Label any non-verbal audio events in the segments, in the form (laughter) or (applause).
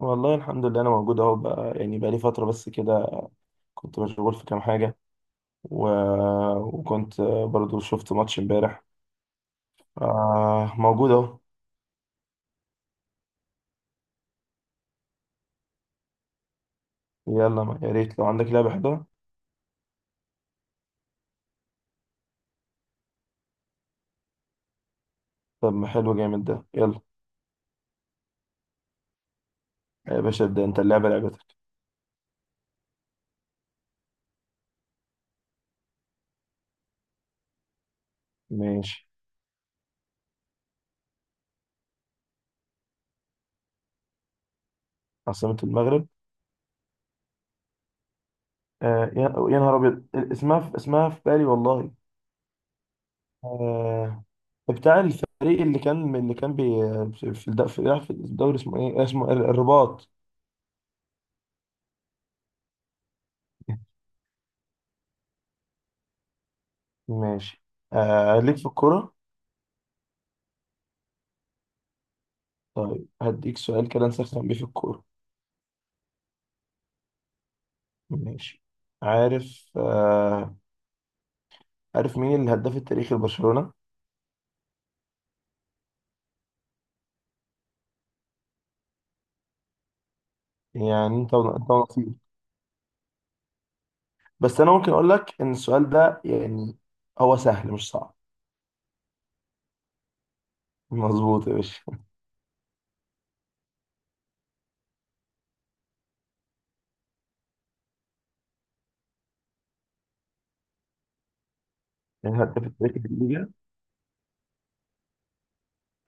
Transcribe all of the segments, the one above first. والله الحمد لله، انا موجود اهو. بقى يعني بقى لي فتره بس كده. كنت مشغول في كام حاجه و... وكنت برضو شفت ماتش امبارح. آه، موجود اهو. يلا يا ريت لو عندك لعبه حلوه. طب ما حلو جامد ده، يلا. يا باشا ابدا انت، اللعبه لعبتك. ماشي. عاصمه المغرب؟ آه يا نهار ابيض، اسمها في بالي والله. آه، بتاع الفريق اللي كان في الدوري، اسمه ايه، اسمه الرباط. ماشي. آه ليك في الكوره. طيب هديك سؤال كده نسخن بيه في الكورة. ماشي. عارف آه عارف مين الهداف التاريخي لبرشلونة؟ يعني انت ونصيب. بس انا ممكن اقول لك ان السؤال ده يعني هو سهل مش صعب. مظبوط يا باشا. (laughs) الهداف التاريخي للليجا،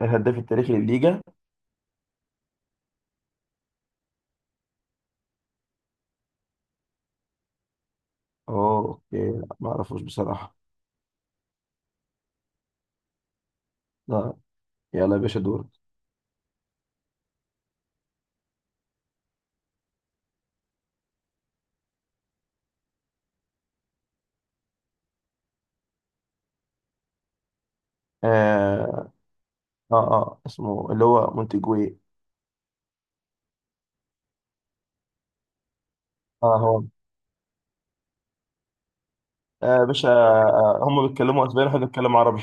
الهداف التاريخي للليجا؟ اه اوكي، لا ما اعرفوش بصراحة. لا. يلا يا باشا دورك. آه, اه اسمه اللي هو مونتيجوي. اه هو. آه يا باشا. آه، هم بيتكلموا اسباني واحنا بنتكلم عربي.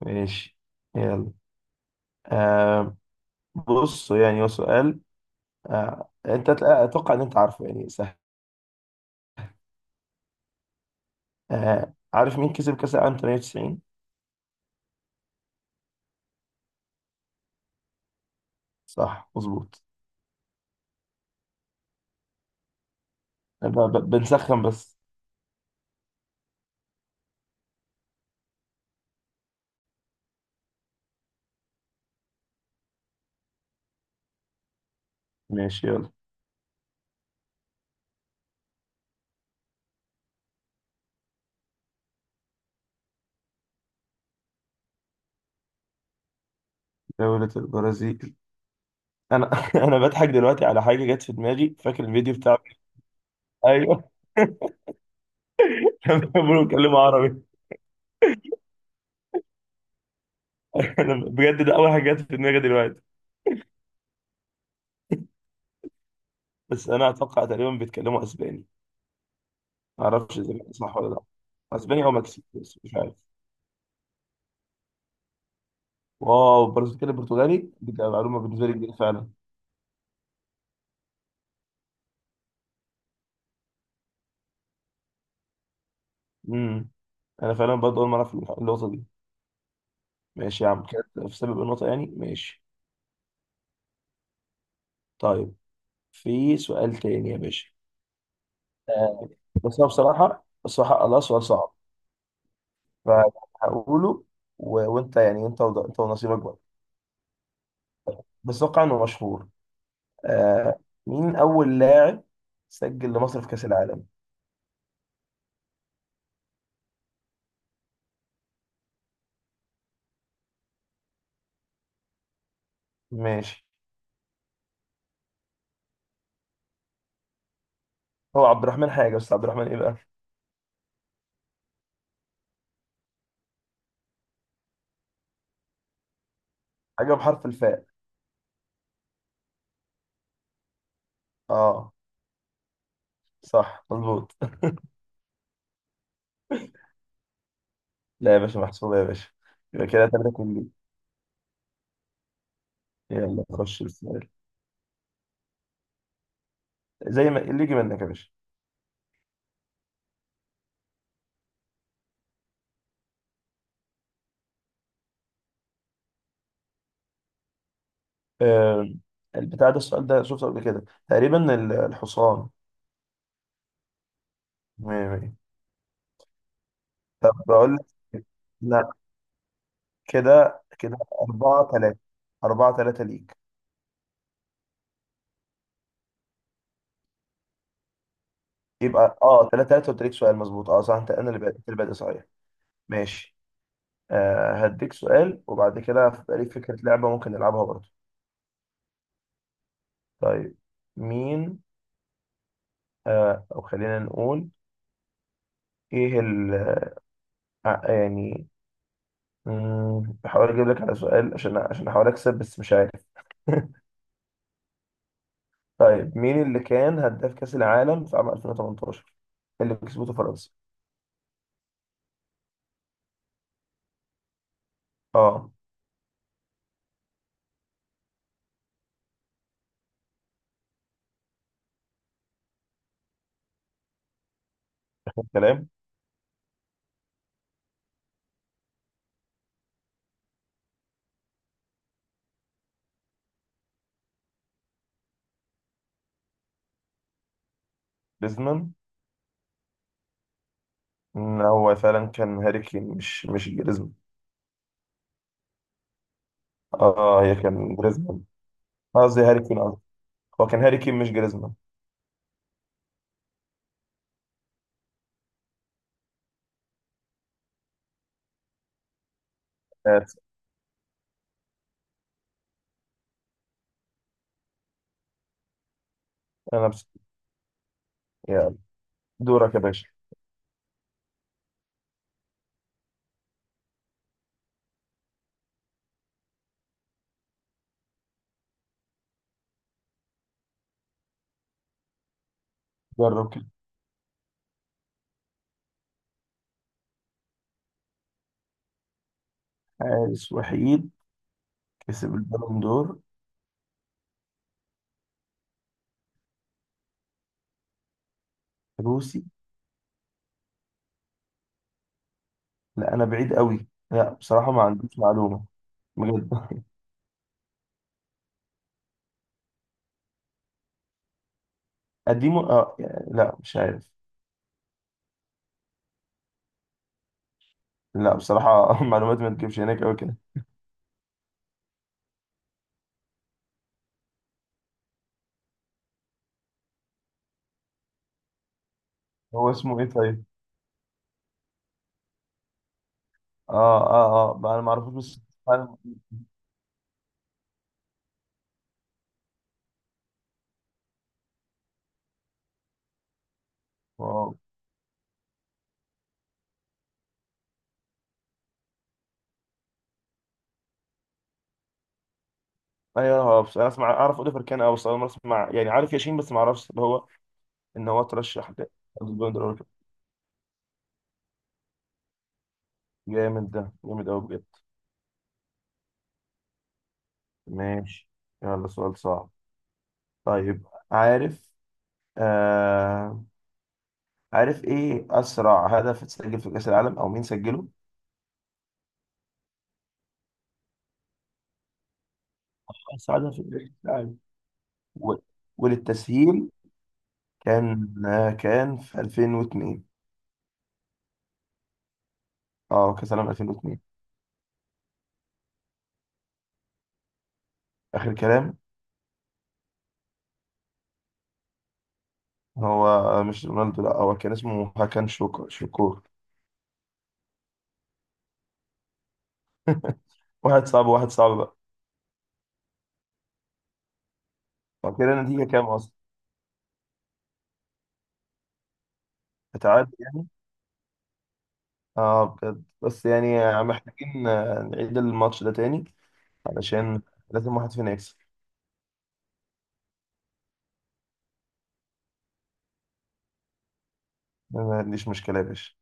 (laughs) ماشي، يلا. آه بص، يعني هو سؤال. آه، انت اتوقع ان انت عارفه، يعني سهل. عارف مين كسب كاس العالم 98؟ صح مظبوط. بنسخن بس. ماشي يلا. دولة البرازيل. انا (laughs) انا بضحك دلوقتي على حاجه جت في دماغي، فاكر الفيديو بتاع. ايوه. (laughs) لما بيقولوا بيتكلموا عربي. انا بجد ده اول حاجه جت في دماغي دلوقتي. بس انا اتوقع تقريبا بيتكلموا اسباني، ما اعرفش اذا كان صح ولا لا. اسباني او مكسيكي، بس مش عارف. واو، برازيل كده برتغالي، دي كانت معلومه بالنسبه لي جديده فعلا. امم، انا فعلا برضه اول مره اعرف النقطه دي. ماشي يا عم، كانت في سبب النقطه يعني. ماشي. طيب في سؤال تاني يا باشا. آه، بس هو بصراحه الله سؤال صعب. فهقوله وانت يعني انت ونصيبك بقى. بس اتوقع انه مشهور. آه، مين اول لاعب سجل لمصر في كاس العالم؟ ماشي. هو عبد الرحمن حاجه، بس عبد الرحمن ايه بقى؟ حاجه بحرف الفاء. اه، صح مظبوط. لا يا باشا، محسوبه يا باشا. يبقى كده تلاته كلي. يلا خش السؤال، زي ما اللي يجي منك يا باشا. آه، البتاع ده السؤال ده شفته قبل كده تقريبا، الحصان. مية مية. طب بقول لك إيه؟ لا. كده كده أربعة تلاتة. أربعة تلاتة ليك. يبقى تلاتة تلاتة، قلت لك سؤال مظبوط. اه صح، انت انا اللي بادئ، أنت اللي بادئ صحيح. ماشي. آه، هديك سؤال وبعد كده هيبقى ليك فكرة لعبة ممكن نلعبها برضه. طيب مين؟ آه، او خلينا نقول ايه ال، يعني. بحاول اجيب لك على سؤال عشان احاول اكسب بس مش عارف. طيب مين اللي كان هداف كأس العالم في عام 2018 اللي كسبته فرنسا؟ اه كلام. جريزمان. هو فعلا كان هاري كين، مش جريزمان. اه هي كان جريزمان، قصدي هاري كين، قصدي هو كان هاري كين مش جريزمان. آه، انا بس. يلا دورك يا باشا. جرب كده. حارس وحيد كسب البالون دور؟ روسي؟ لا، انا بعيد قوي، لا بصراحة ما عنديش معلومة، بجد. (laughs) قديمه؟ اه يعني لا مش عارف. لا بصراحة (laughs) معلوماتي ما تجيبش هناك قوي كده. هو اسمه ايه طيب؟ اه ما انا ما اعرفوش بس. فعلا. واو. ايوه، هو بس انا اسمع اعرف اوليفر كان، اه بس اول مره اسمع، يعني عارف ياشين، بس ما اعرفش اللي هو ان هو ترشح ل Husband or Wife. جامد ده، جامد قوي بجد. ماشي. يلا سؤال صعب. طيب عارف؟ آه عارف ايه اسرع هدف اتسجل في كاس العالم، او مين سجله؟ اسرع هدف في كاس العالم. و- وللتسهيل كان في 2002. اه كاس العالم 2002. اخر كلام. هو مش رونالدو، لا، هو كان اسمه هاكان شوكور، شوكور. (laughs) واحد صعب، واحد صعب بقى. وكده النتيجة كام أصلا؟ اتعادل يعني؟ اه بجد، بس يعني محتاجين، نعيد الماتش ده تاني، علشان لازم واحد فينا يكسب. ما عنديش مشكلة يا باشا.